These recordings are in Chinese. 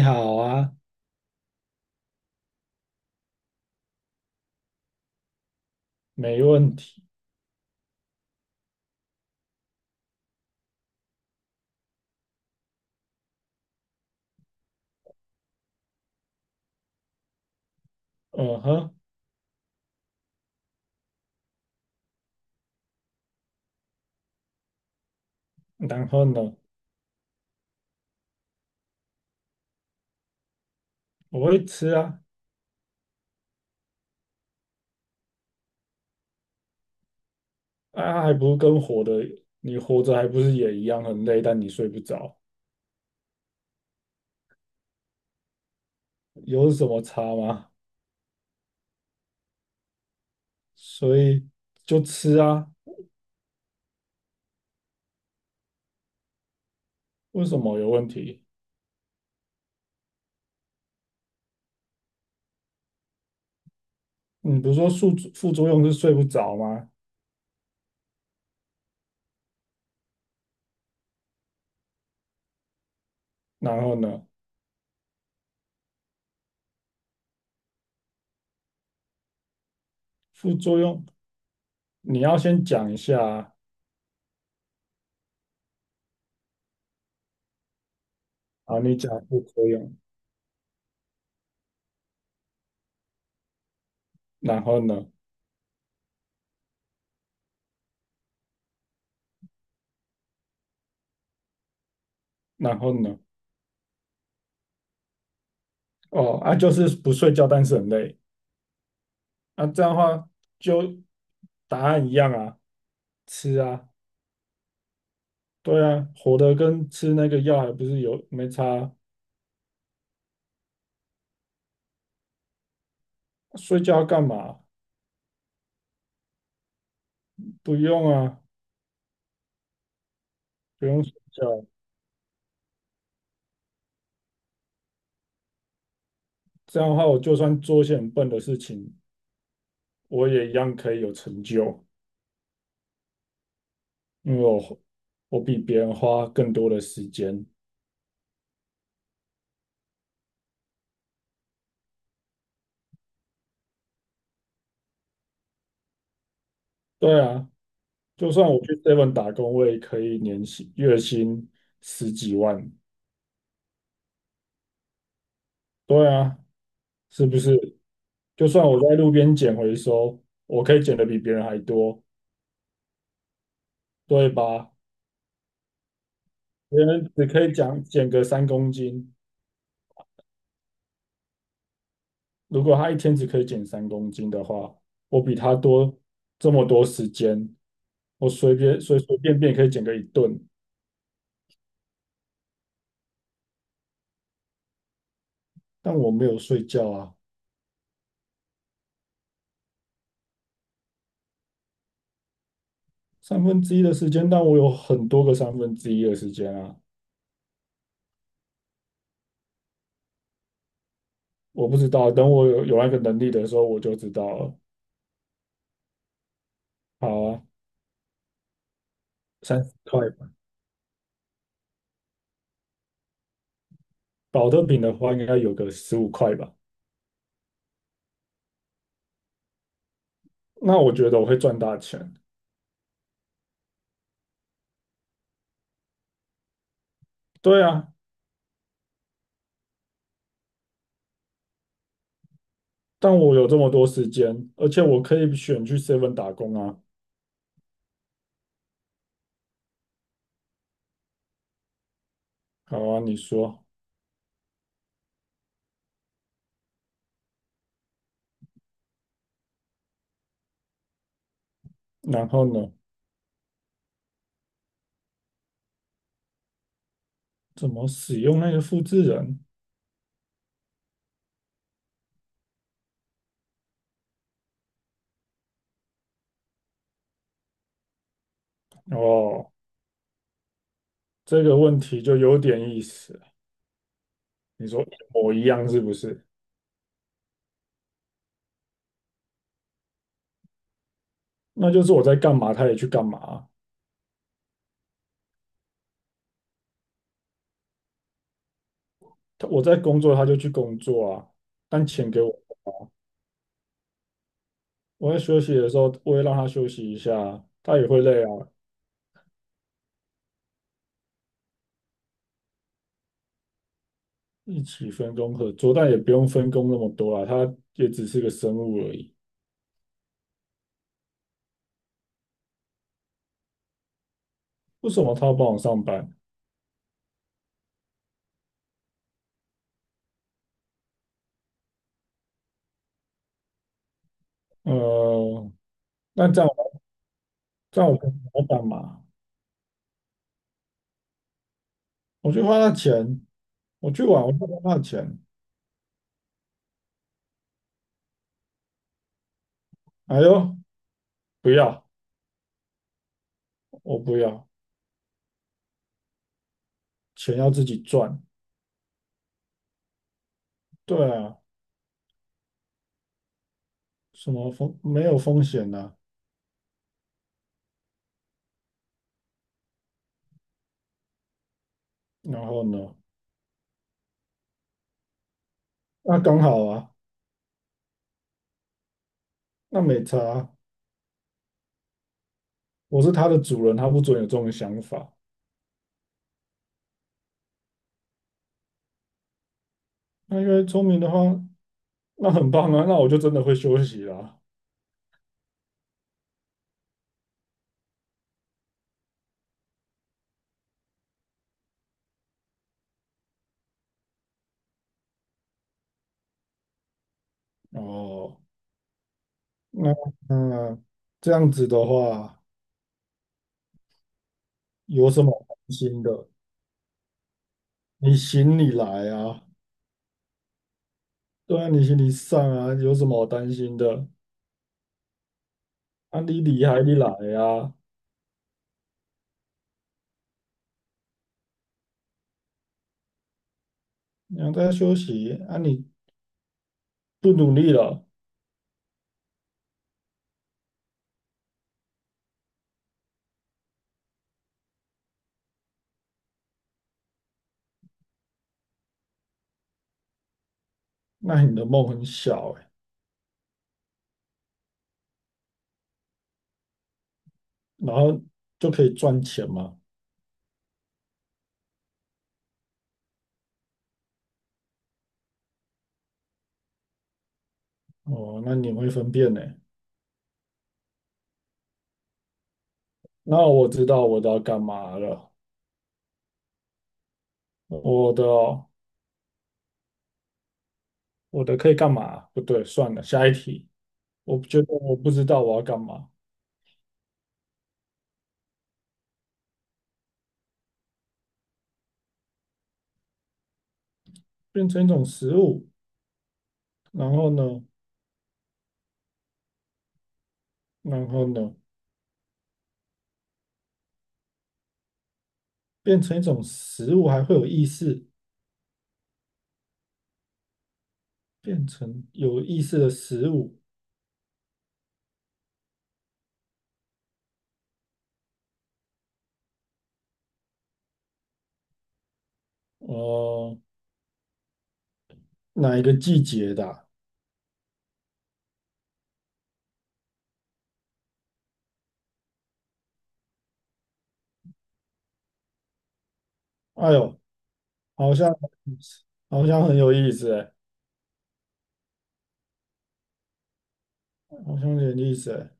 你好啊，没问题。嗯哼，然后呢？我会吃啊。啊，还不是跟活的，你活着还不是也一样很累，但你睡不着，有什么差吗？所以就吃啊。为什么有问题？你不是说副作用是睡不着吗？然后呢，副作用你要先讲一下啊。好，你讲副作用，然后呢？然后呢？哦，啊，就是不睡觉，但是很累。那这样的话就答案一样啊，吃啊。对啊，活的跟吃那个药还不是有没差啊。睡觉干嘛？不用啊，不用睡觉。这样的话，我就算做一些很笨的事情，我也一样可以有成就，因为我比别人花更多的时间。对啊，就算我去 Seven 打工，我也可以年薪月薪十几万。对啊，是不是？就算我在路边捡回收，我可以捡的比别人还多，对吧？别人只可以讲捡个三公斤，如果他一天只可以捡三公斤的话，我比他多这么多时间，我随随便便可以捡个一顿，但我没有睡觉啊。三分之一的时间，但我有很多个三分之一的时间啊。我不知道，等我有那个能力的时候，我就知道了。好啊，30块吧，保特瓶的话应该有个15块吧。那我觉得我会赚大钱。对啊，但我有这么多时间，而且我可以选去 Seven 打工啊。好啊，你说，然后呢？怎么使用那个复制人？哦，这个问题就有点意思。你说一模一样是不是？那就是我在干嘛，他也去干嘛啊。他我在工作，他就去工作啊。但钱给我。我在休息的时候，我也让他休息一下啊，他也会累啊。一起分工合作，但也不用分工那么多啊，他也只是个生物而已。为什么他要帮我上班？呃，那这样这样我跟老板嘛？我去花他钱，我去玩，我去花他的钱。哎呦，不要，我不要，钱要自己赚。对啊，什么风没有风险呐、然后呢？那刚好啊，那没差啊。我是他的主人，他不准有这种想法。那因为聪明的话，那很棒啊，那我就真的会休息啦。哦，那嗯，这样子的话，有什么好担心的？你行你来啊。对啊，你心理上啊，有什么好担心的？啊，你厉害，你来啊！你还在休息啊，你不努力了，那你的梦很小哎、然后就可以赚钱嘛。哦，那你会分辨呢、那我知道我的要干嘛了。我的哦我的可以干嘛？不对，算了，下一题。我觉得我不知道我要干嘛。变成一种食物，然后呢？然后呢？变成一种食物还会有意识，变成有意识的食物。哦，哪一个季节的啊。哎呦，好像好像很有意思哎，好像有点意思哎。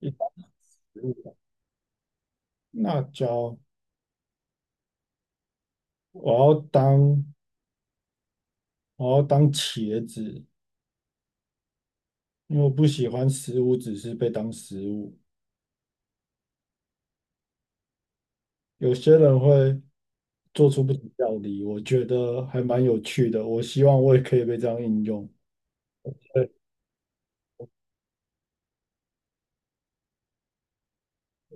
一大植物辣椒，我要当我要当茄子，因为我不喜欢食物只是被当食物。有些人会做出不同料理，我觉得还蛮有趣的。我希望我也可以被这样应用。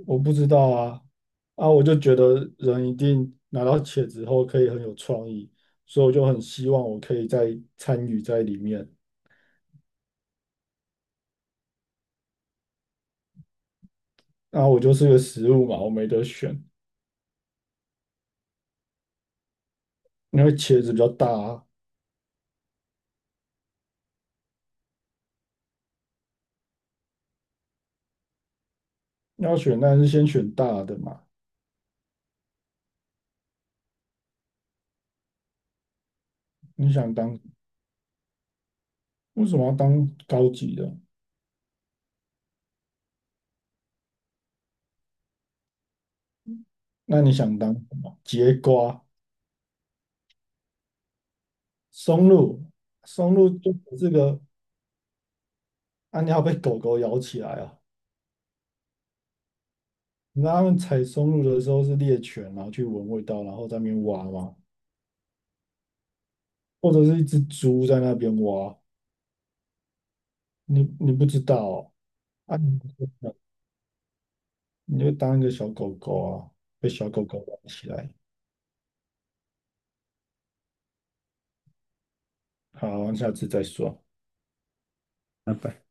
我不知道啊。啊，我就觉得人一定拿到茄子后可以很有创意，所以我就很希望我可以再参与在里面。啊，我就是个食物嘛，我没得选，因为茄子比较大啊，要选当然是先选大的嘛。你想当，为什么要当高级的？那你想当什么？节瓜、松露。松露就这个，啊，你要被狗狗咬起来啊。你知道他们采松露的时候是猎犬，然后去闻味道，然后在那边挖吗？或者是一只猪在那边挖。你不知道哦。啊，你不知道你会当一个小狗狗啊，被小狗狗玩起来。好，下次再说。拜拜。